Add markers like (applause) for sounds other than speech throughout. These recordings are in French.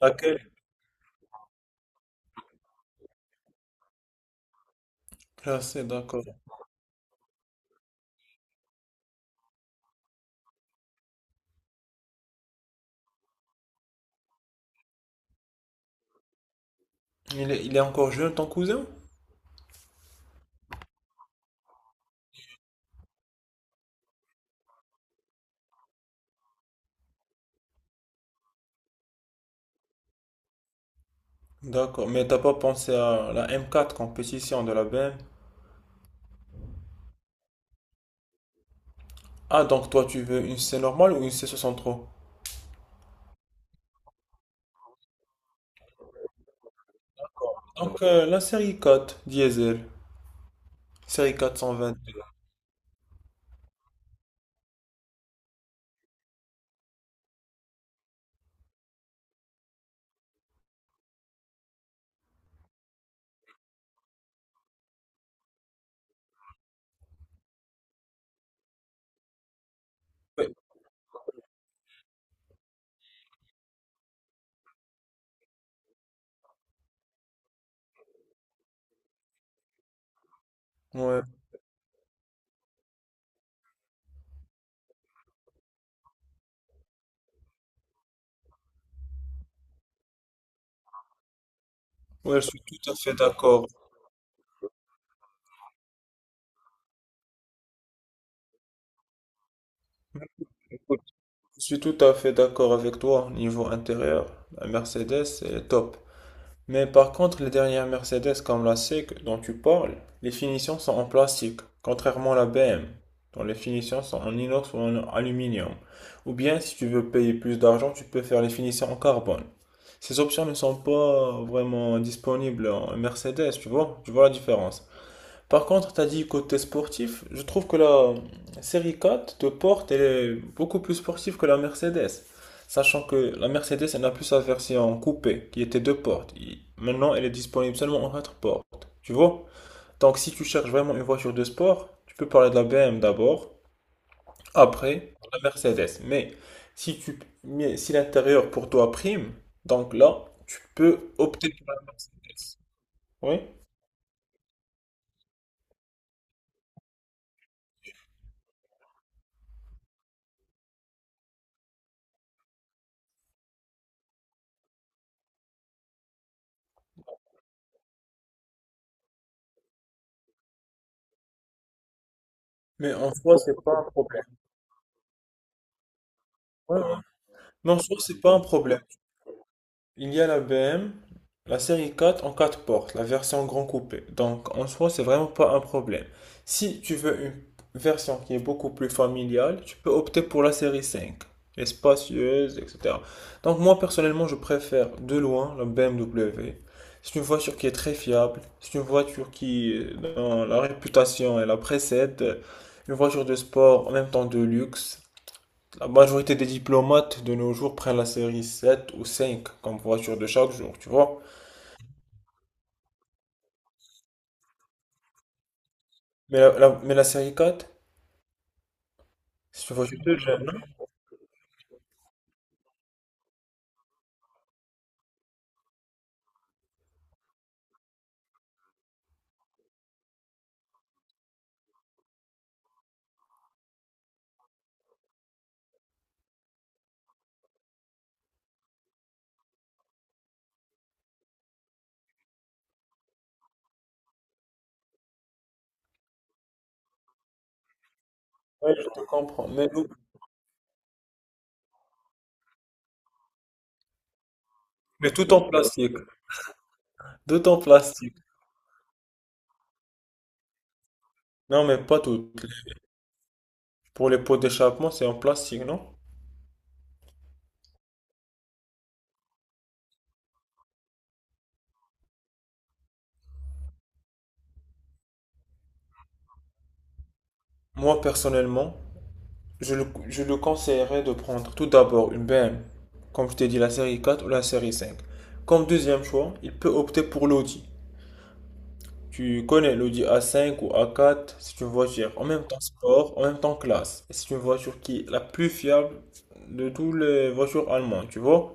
Laquelle? Classé, d'accord. Il est encore jeune, ton cousin? D'accord, mais t'as pas pensé à la M4 compétition de la BM? Ah, donc toi tu veux une C normale ou une C63? Donc la série 4 diesel, série 420. Ouais, ouais, ouais, je suis tout à fait d'accord. Écoute, je suis tout à fait d'accord avec toi. Niveau intérieur, la Mercedes est top. Mais par contre, les dernières Mercedes comme la S E C, dont tu parles, les finitions sont en plastique, contrairement à la BM, dont les finitions sont en inox ou en aluminium. Ou bien, si tu veux payer plus d'argent, tu peux faire les finitions en carbone. Ces options ne sont pas vraiment disponibles en Mercedes, tu vois? Tu vois la différence? Par contre, tu as dit côté sportif, je trouve que la série 4 de Porte elle est beaucoup plus sportive que la Mercedes. Sachant que la Mercedes, elle n'a plus sa version coupée, qui était deux portes. Maintenant, elle est disponible seulement en quatre portes. Tu vois? Donc, si tu cherches vraiment une voiture de sport, tu peux parler de la BMW d'abord, après la Mercedes. Mais si l'intérieur pour toi prime, donc là, tu peux opter pour la Mercedes. Oui? Mais en soi, c'est pas un problème. Ouais, ouais. Mais en soi, c'est pas un problème. Il y a la BM, la série 4 en 4 portes, la version grand coupé. Donc en soi, c'est vraiment pas un problème. Si tu veux une version qui est beaucoup plus familiale, tu peux opter pour la série 5, espacieuse, etc. Donc moi personnellement, je préfère de loin la BMW. C'est une voiture qui est très fiable, c'est une voiture qui, dans la réputation, elle la précède. Une voiture de sport, en même temps de luxe. La majorité des diplomates de nos jours prennent la série 7 ou 5 comme voiture de chaque jour, tu vois. Mais la série 4, c'est une voiture de jeune, non? Ouais, je te comprends. Mais, tout en plastique. Tout en plastique. Non, mais pas tout. Pour les pots d'échappement, c'est en plastique, non? Moi, personnellement, je le conseillerais de prendre tout d'abord une BM, comme je t'ai dit, la série 4 ou la série 5. Comme deuxième choix, il peut opter pour l'Audi. Tu connais l'Audi A5 ou A4, c'est une voiture en même temps sport, en même temps classe. Et c'est une voiture qui est la plus fiable de toutes les voitures allemandes, tu vois?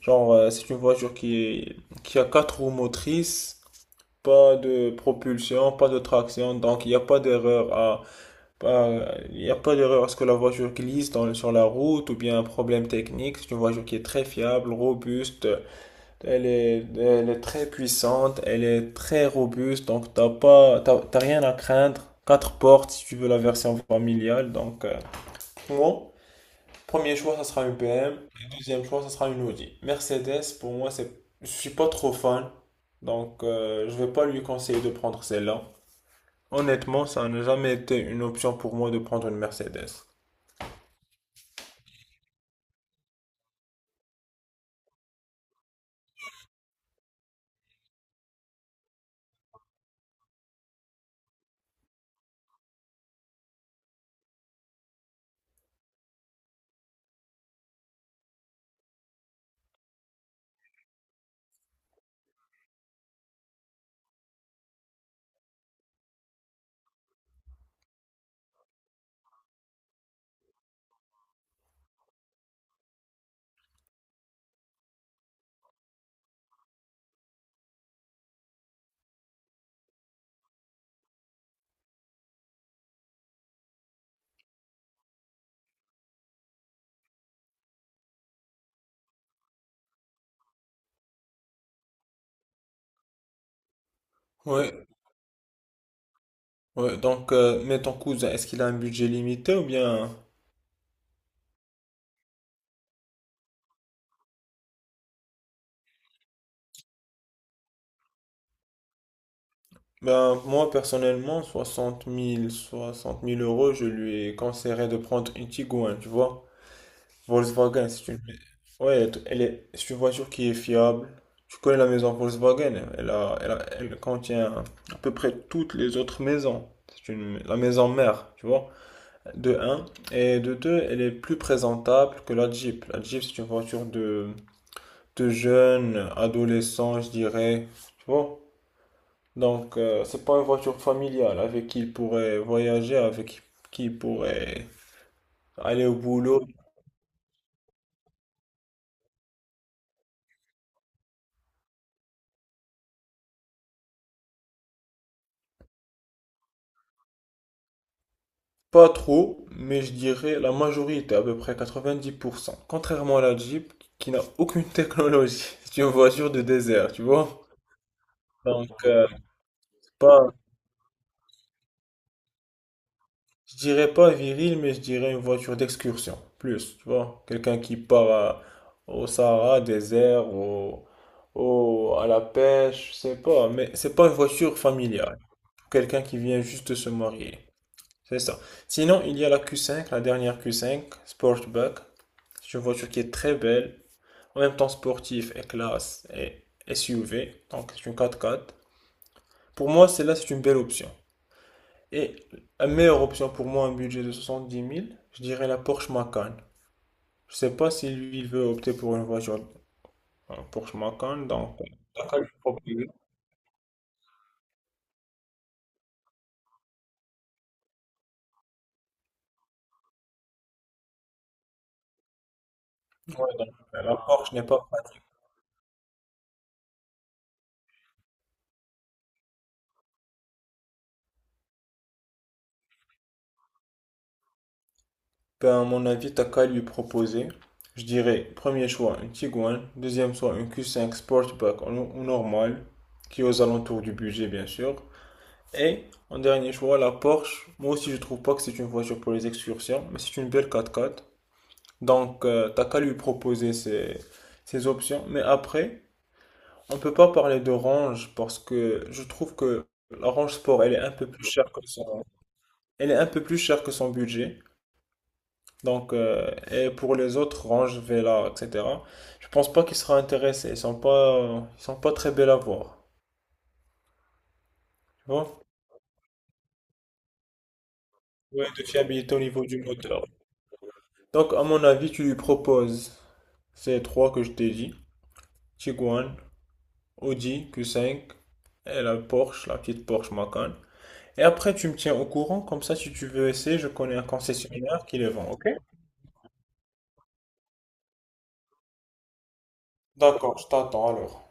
Genre, c'est une voiture qui a quatre roues motrices, pas de propulsion, pas de traction, donc il n'y a pas d'erreur à, il n'y a pas d'erreur à ce que la voiture glisse sur la route ou bien un problème technique. C'est une voiture qui est très fiable, robuste, elle est très puissante, elle est très robuste, donc t'as pas, t'as, t'as rien à craindre. Quatre portes si tu veux la version familiale, donc pour moi, premier choix ça sera une BM, et deuxième choix ça sera une Audi. Mercedes pour moi c'est, je suis pas trop fan, donc je vais pas lui conseiller de prendre celle-là. Honnêtement, ça n'a jamais été une option pour moi de prendre une Mercedes. Ouais, ouais, donc mais ton cousin, est-ce qu'il a un budget limité ou bien. Ben, moi, personnellement, soixante mille euros, je lui conseillerais de prendre une Tiguan, tu vois. Volkswagen, c'est une. Ouais, c'est une voiture qui est fiable. Tu connais la maison Volkswagen, elle contient à peu près toutes les autres maisons. C'est une... la maison mère, tu vois. De un. Et de deux, elle est plus présentable que la Jeep. La Jeep, c'est une voiture de jeunes, adolescents, je dirais. Tu vois. Donc, c'est pas une voiture familiale avec qui il pourrait voyager, avec qui il pourrait aller au boulot. Pas trop, mais je dirais la majorité, à peu près 90%. Contrairement à la Jeep, qui n'a aucune technologie. (laughs) C'est une voiture de désert, tu vois? Donc, pas, je dirais pas viril, mais je dirais une voiture d'excursion. Plus, tu vois? Quelqu'un qui part au Sahara, désert, à la pêche, je sais pas. Mais c'est pas une voiture familiale, quelqu'un qui vient juste de se marier. C'est ça. Sinon, il y a la Q5, la dernière Q5, Sportback. C'est une voiture qui est très belle, en même temps sportive et classe et SUV, donc c'est une 4x4. Pour moi, celle-là, c'est une belle option. Et la meilleure option pour moi, un budget de 70 000, je dirais la Porsche Macan. Je sais pas si lui, il veut opter pour une voiture Porsche Macan, donc. Ouais, la Porsche n'est pas. Ben, à mon avis, t'as qu'à lui proposer. Je dirais, premier choix, une Tiguan. Deuxième choix, une Q5 Sportback en normal, qui est aux alentours du budget, bien sûr. Et, en dernier choix, la Porsche. Moi aussi, je trouve pas que c'est une voiture pour les excursions, mais c'est une belle 4x4. Donc, t'as qu'à lui proposer ces options. Mais après, on peut pas parler de range parce que je trouve que la range sport, elle est un peu plus chère que son, elle est un peu plus chère que son budget. Donc, et pour les autres, Range, Vela, etc., je pense pas qu'ils seront intéressés. Ils sont pas très belles à voir. Tu vois? Ouais, de fiabilité au niveau du moteur. Donc, à mon avis, tu lui proposes ces trois que je t'ai dit. Tiguan, Audi Q5 et la Porsche, la petite Porsche Macan. Et après, tu me tiens au courant, comme ça, si tu veux essayer, je connais un concessionnaire qui les vend, ok? D'accord, je t'attends alors.